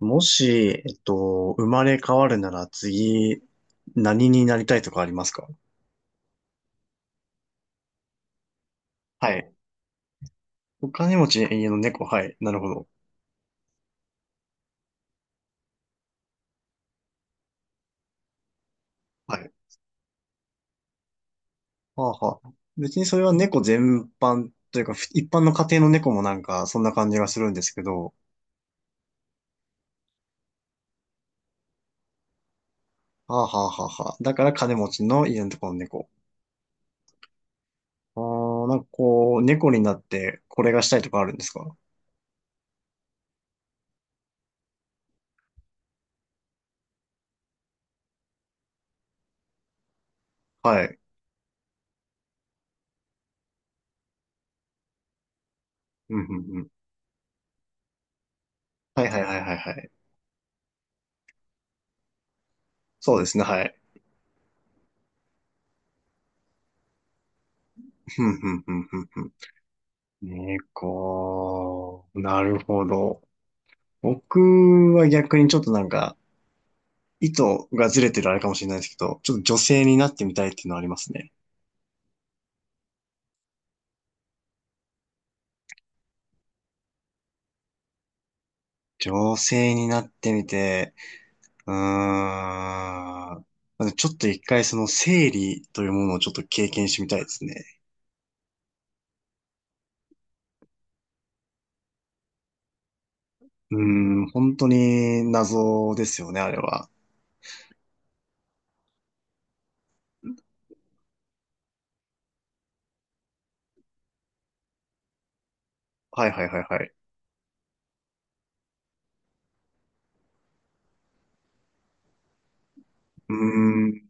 もし、生まれ変わるなら次、何になりたいとかありますか？はい。お金持ち、家の猫、はい。なるほど。はい。はあはあ。別にそれは猫全般というか、一般の家庭の猫もなんか、そんな感じがするんですけど、はあはあはあはあ。だから金持ちの家のところの猫。あー、なんかこう、猫になってこれがしたいとかあるんですか？はい。うんうんうん。はいはいはいはいはい。そうですね、はい。ふんふんふんふんふん。猫。なるほど。僕は逆にちょっとなんか、意図がずれてるあれかもしれないですけど、ちょっと女性になってみたいっていうのはありますね。女性になってみて、うーん。まずちょっと一回その生理というものをちょっと経験してみたいですね。うー本当に謎ですよね、あれは。はいはいはいはい。うーん。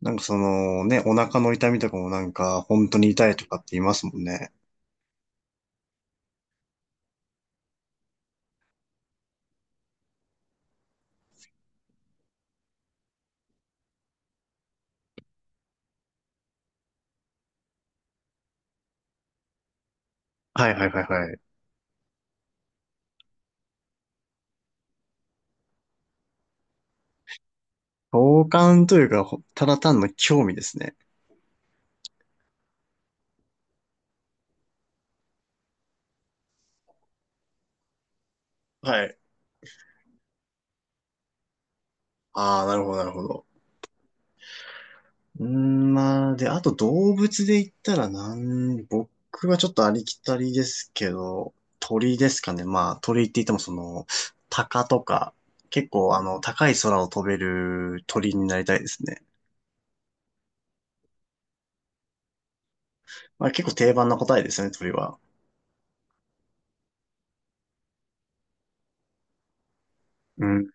なんかそのね、お腹の痛みとかもなんか本当に痛いとかって言いますもんね。はいはいはいはい。好感というか、ただ単の興味ですね。はい。ああ、なるほど、なるほど。まあ、で、あと動物で言ったら僕はちょっとありきたりですけど、鳥ですかね。まあ、鳥って言っても鷹とか、結構高い空を飛べる鳥になりたいですね。まあ、結構定番な答えですね、鳥は。うん。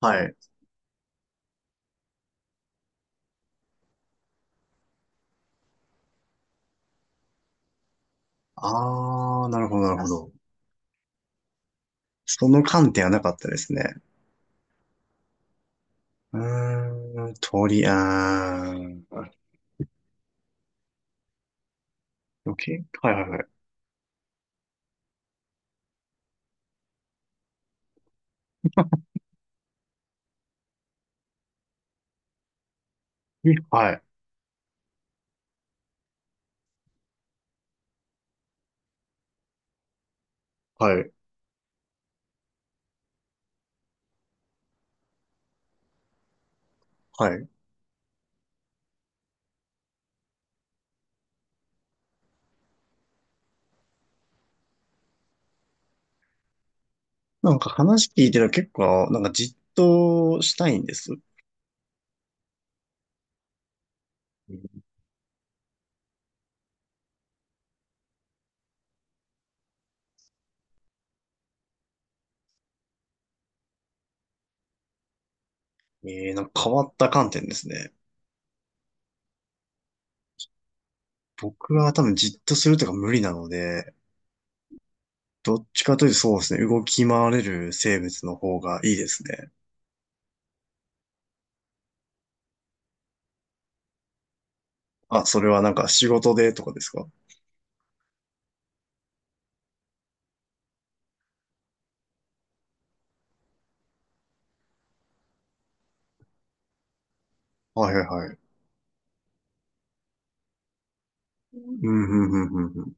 はい。ああ、なるほど、なるほど。その観点はなかったですね。鳥、あー。余計はいはいはい。にはい。はい。はい。なんか話聞いてたら結構、なんかじっとしたいんです。なんか変わった観点ですね。僕は多分じっとするとか無理なので、どっちかというとそうですね、動き回れる生物の方がいいですね。あ、それはなんか仕事でとかですか？はいはいはい。うん、うん、うん、うん。うん、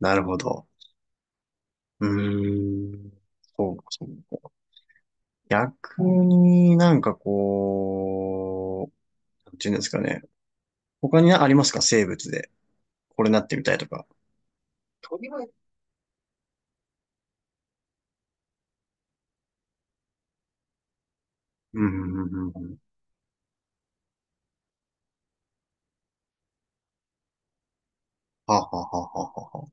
なるほど。うーん。そうか、そうか。逆になんかこう、なんていうんですかね。他にありますか、生物で？これなってみたいとか。鳥は、うんうんうんうん。はあはあはあはあはあは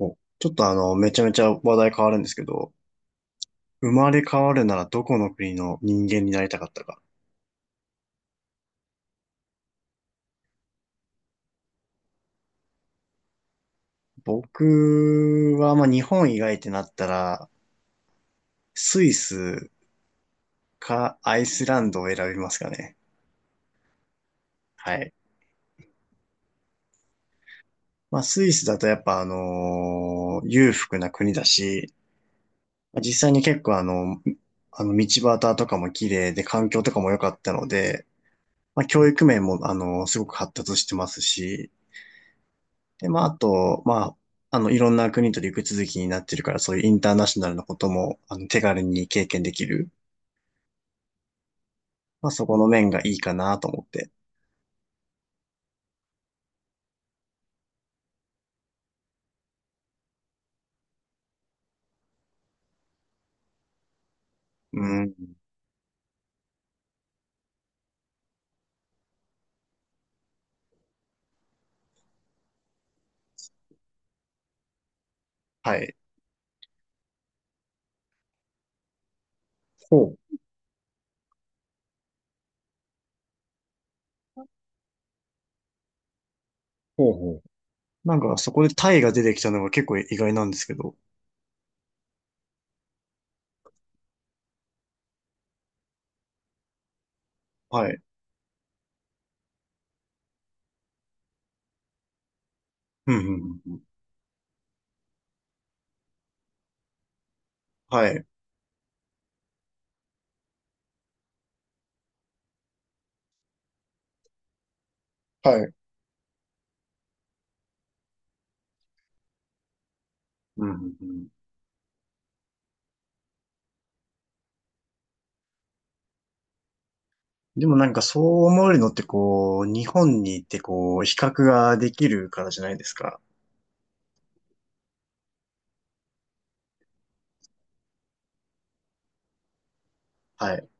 お。ちょっとめちゃめちゃ話題変わるんですけど、生まれ変わるならどこの国の人間になりたかったか。僕は、まあ、日本以外ってなったら、スイスかアイスランドを選びますかね。はい。まあ、スイスだとやっぱ裕福な国だし、まあ実際に結構あの道端とかも綺麗で環境とかも良かったので、まあ、教育面も、すごく発達してますし、で、まあ、あと、まあ、いろんな国と陸続きになってるから、そういうインターナショナルなことも、手軽に経験できる。まあ、そこの面がいいかなと思って。うん。はい。ほう、ほうほう。なんか、そこでタイが出てきたのが結構意外なんですけど。はい。うん、うん、うんうん。はい。はい。うん、うん、うん。でもなんかそう思えるのってこう、日本に行ってこう、比較ができるからじゃないですか。はい。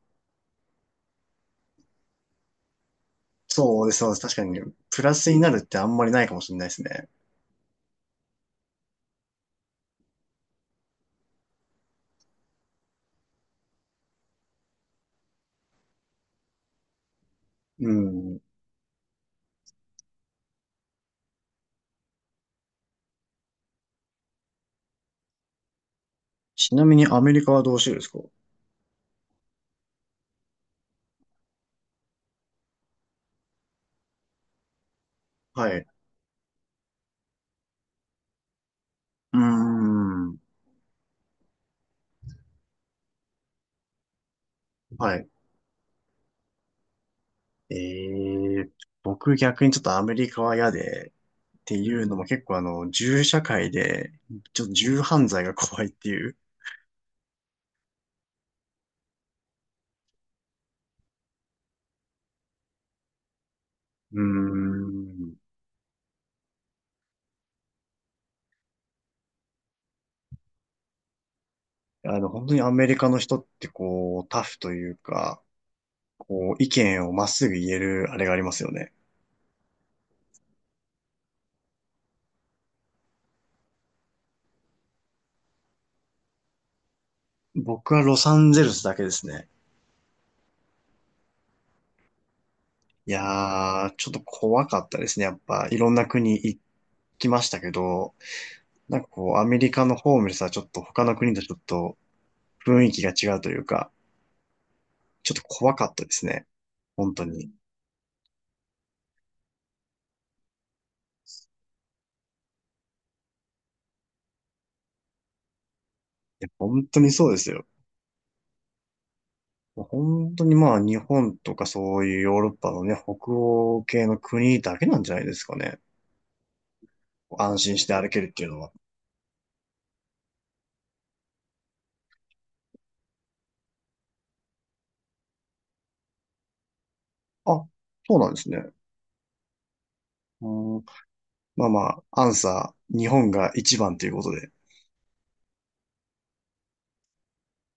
そうです、そうです。確かに、プラスになるってあんまりないかもしれないですね。うん。ちなみにアメリカはどうしてるんですか？はい。うーん。はい。えー、僕逆にちょっとアメリカは嫌で、っていうのも結構銃社会で、ちょっと銃犯罪が怖いっていう。うーん。本当にアメリカの人ってこう、タフというか、こう、意見をまっすぐ言えるあれがありますよね。僕はロサンゼルスだけですね。いやー、ちょっと怖かったですね。やっぱ、いろんな国行きましたけど、なんかこう、アメリカのホームレスはちょっと他の国とちょっと雰囲気が違うというか、ちょっと怖かったですね。本当に。いや、本当にそうですよ。本当にまあ、日本とかそういうヨーロッパのね、北欧系の国だけなんじゃないですかね。安心して歩けるっていうのは。あ、そうなんですね。うん、まあまあ、アンサー、日本が一番ということで。